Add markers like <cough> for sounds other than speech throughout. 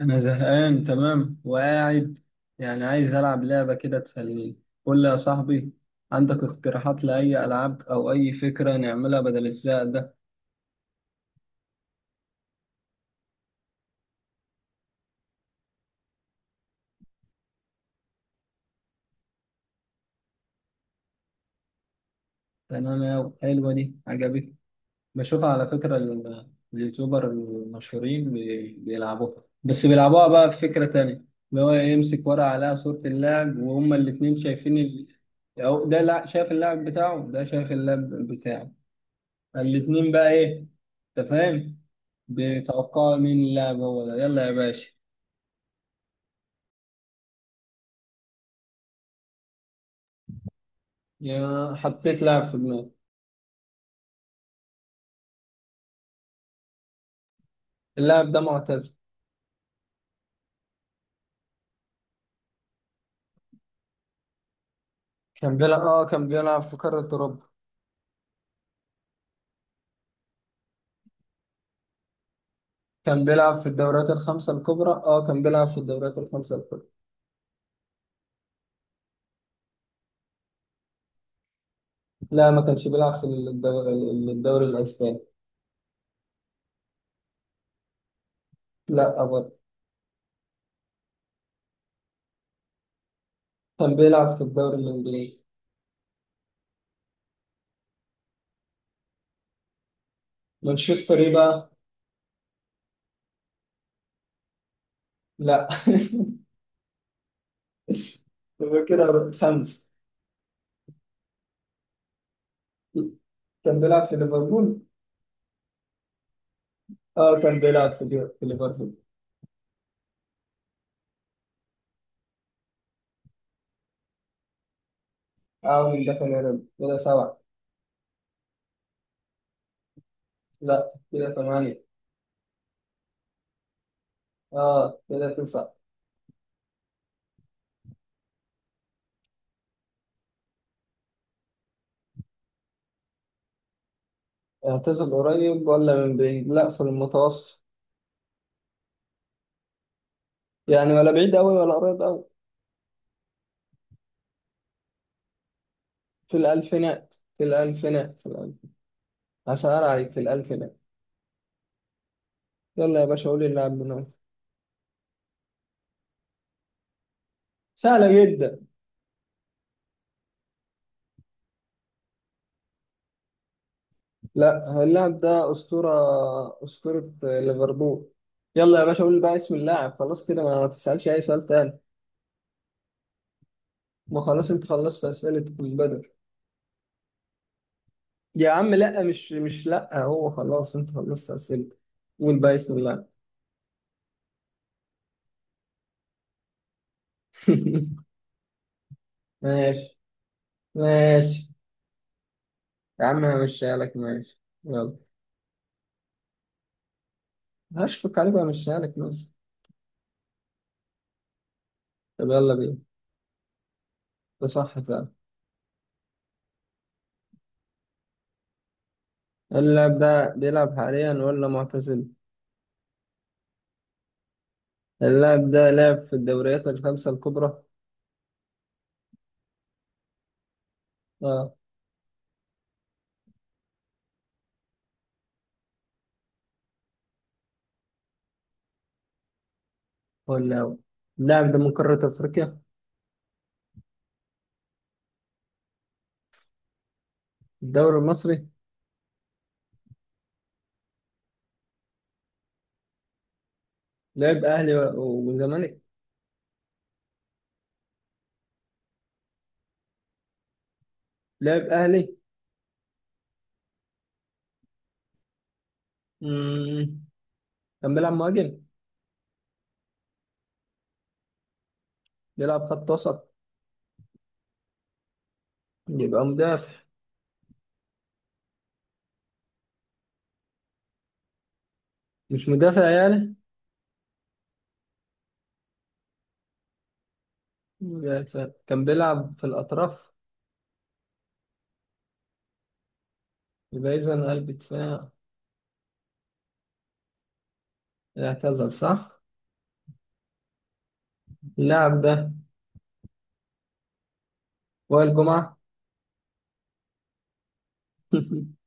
أنا زهقان تمام وقاعد، عايز ألعب لعبة كده تسليني. قول لي يا صاحبي، عندك اقتراحات لأي ألعاب أو أي فكرة نعملها بدل الزهق ده؟ تمام يا حلوة، دي عجبتني. بشوفها على فكرة اليوتيوبر المشهورين بيلعبوها، بس بيلعبوها بقى بفكرة تانية. اللي هو إيه، يمسك ورقة عليها صورة اللاعب وهما الاتنين شايفين ال... أو ده لا شايف اللاعب بتاعه ده شايف اللاعب بتاعه. الاتنين بقى ايه، انت فاهم؟ بتوقع مين اللاعب هو ده. يلا يا باشا. يا حطيت لاعب في دماغي. اللاعب ده معتزل. كان بيلعب، اه كان بيلعب في قارة أوروبا. كان بيلعب في الدوريات الخمسة الكبرى، اه كان بيلعب في الدوريات الخمسة الكبرى. لا، ما كانش بيلعب في الدوري، الدوري الأسباني. لا أبدا. كان بيلعب في الدوري الإنجليزي. مانشستر ايه بقى؟ لا. <laughs> يبقى كده خمسة. كان بيلعب في ليفربول. اه كان بيلعب في ليفربول. أعمل ده كمان، كده سبعة. لا، كده ثمانية. آه، كده تسعة. اعتزل قريب ولا من بعيد؟ لا، في المتوسط. يعني ولا بعيد أوي ولا قريب أوي. في الألفينات، في الألفينات، في الألف. هسهل عليك، في الألفينات. يلا يا باشا قولي اللاعب من أول. سهلة جدا. لا، اللاعب ده أسطورة، أسطورة ليفربول. يلا يا باشا قول بقى اسم اللاعب، خلاص كده ما تسألش أي سؤال تاني. ما خلاص أنت خلصت أسئلة البدن. يا عم لا، مش مش لا، هو خلاص انت خلصت اسئلتك. قول بقى بسم الله. <laughs> ماشي، ماشي. يا عم همشيها لك، ماشي، يلا. هشفق عليك وهمشيها لك، ماشي. طب يلا بينا، ده صح فعلا. اللاعب ده بيلعب حاليا ولا معتزل؟ اللاعب ده لعب في الدوريات الخمسة الكبرى؟ اه. ولا هو، اللاعب ده من قارة أفريقيا؟ الدوري المصري. لعب أهلي والزمالك. لعب أهلي. مم. كان بيلعب مهاجم؟ بيلعب خط وسط؟ يبقى مدافع. مش مدافع يعني؟ مدافع كان بيلعب في الأطراف؟ يبقى إذا قلب دفاع. اعتزل صح؟ اللاعب ده وائل جمعة. <laughs>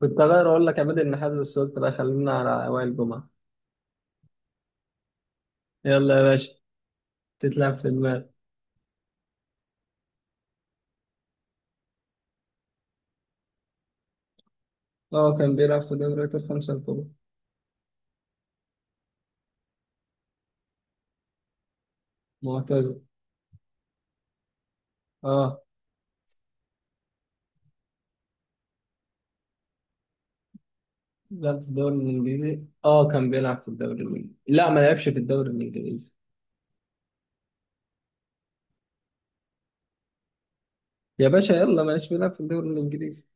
كنت هغير أقول لك عماد النحاس، بس قلت لا خلينا على وائل جمعة. يلا يا باشا. تتلعب في المال. اه كان بيلعب في دوري الخمسة الكبرى. معتزل، اه. لعب في الدوري الإنجليزي، اه كان بيلعب في الدوري الإنجليزي. لا، ما لعبش في الدوري الإنجليزي. يا باشا يلا، ما لعبش بيلعب في الدوري الإنجليزي.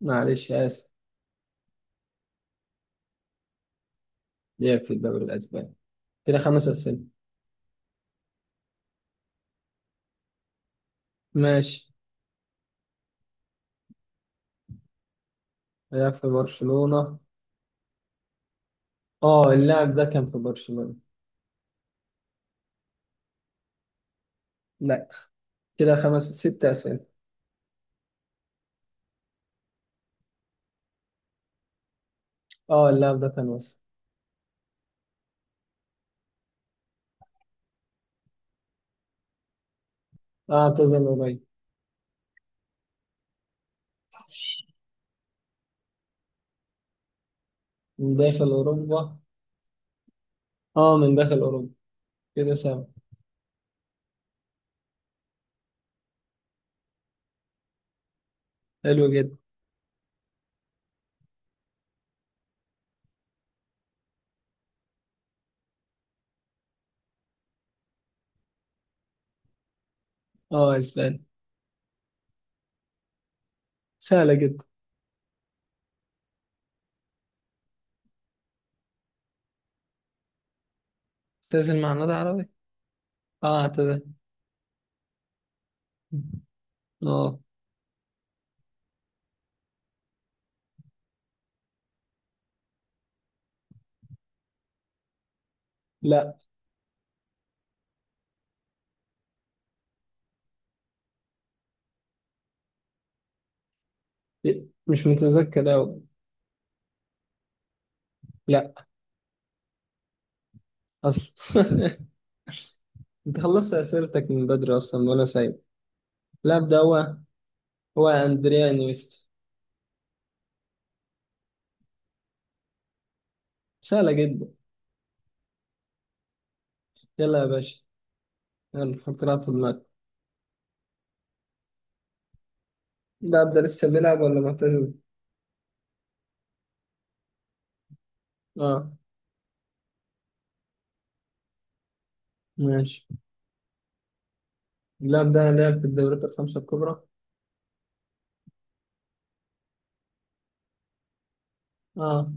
معلش آسف. لعب في الدوري الأسباني. كده خمس أسئلة. ماشي. لعب في برشلونة، اه اللاعب ده كان في برشلونة. لا، كده خمس ست أسئلة. اه اللاعب ده كان مصري. اه اعتزل قريب. من داخل أوروبا، اه من داخل أوروبا. كده سهل. حلو جدا. اه اسباني، سهلة جدا. اعتزل مع نادي عربي. اه اعتزل، اه. لا، مش متذكر أوي. لا، أصلا. <laughs> انت خلصت أسئلتك من بدري أصلا وأنا سايب. اللاعب ده هو، هو أندريا نيستا. سهلة جدا. يلا يا باشا، يلا حط لاعب في دماغك. اللاعب ده لسه بيلعب ولا معتزل؟ اه ماشي. اللاعب ده لعب في الدوريات الخمسة الكبرى؟ اه.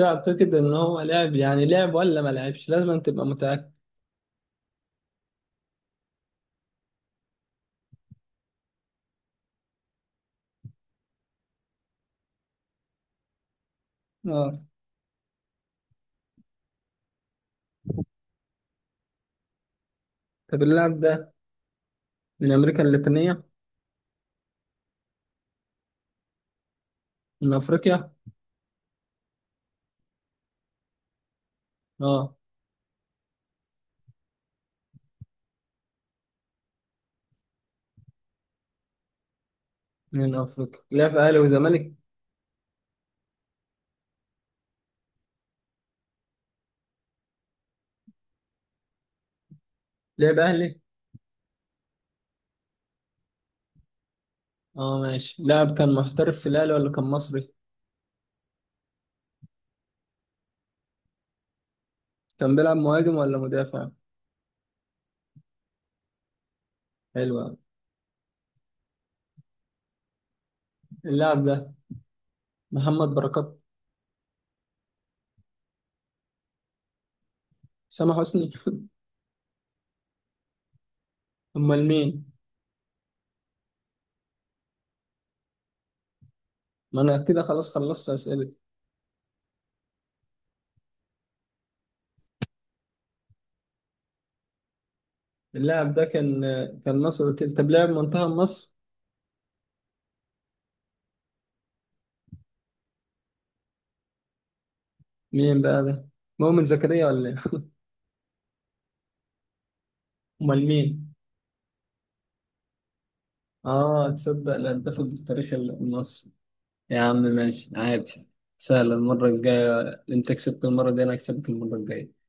أعتقد إن هو لعب، لعب ولا ما لعبش لازم أن تبقى متأكد. اه. طب اللاعب ده من أمريكا اللاتينية؟ من أفريقيا؟ اه من أفريقيا. لعب في أهلي وزمالك؟ لعب أهلي؟ اه ماشي، لاعب كان محترف في الأهلي ولا كان مصري؟ كان بيلعب مهاجم ولا مدافع؟ حلو أوي. اللاعب ده محمد بركات؟ سامح حسني؟ <laughs> أمال مين؟ ما أنا كده خلاص خلصت أسئلة. اللاعب ده كان، كان مصر قلت لي. طب لاعب منتخب مصر. مين بقى ده؟ مؤمن زكريا ولا ايه؟ <laughs> امال مين؟ اه، تصدق الهداف التاريخي المصري. يا عم ماشي عادي. سهل. المرة الجاية، انت كسبت المرة دي انا هكسبك المرة الجاية.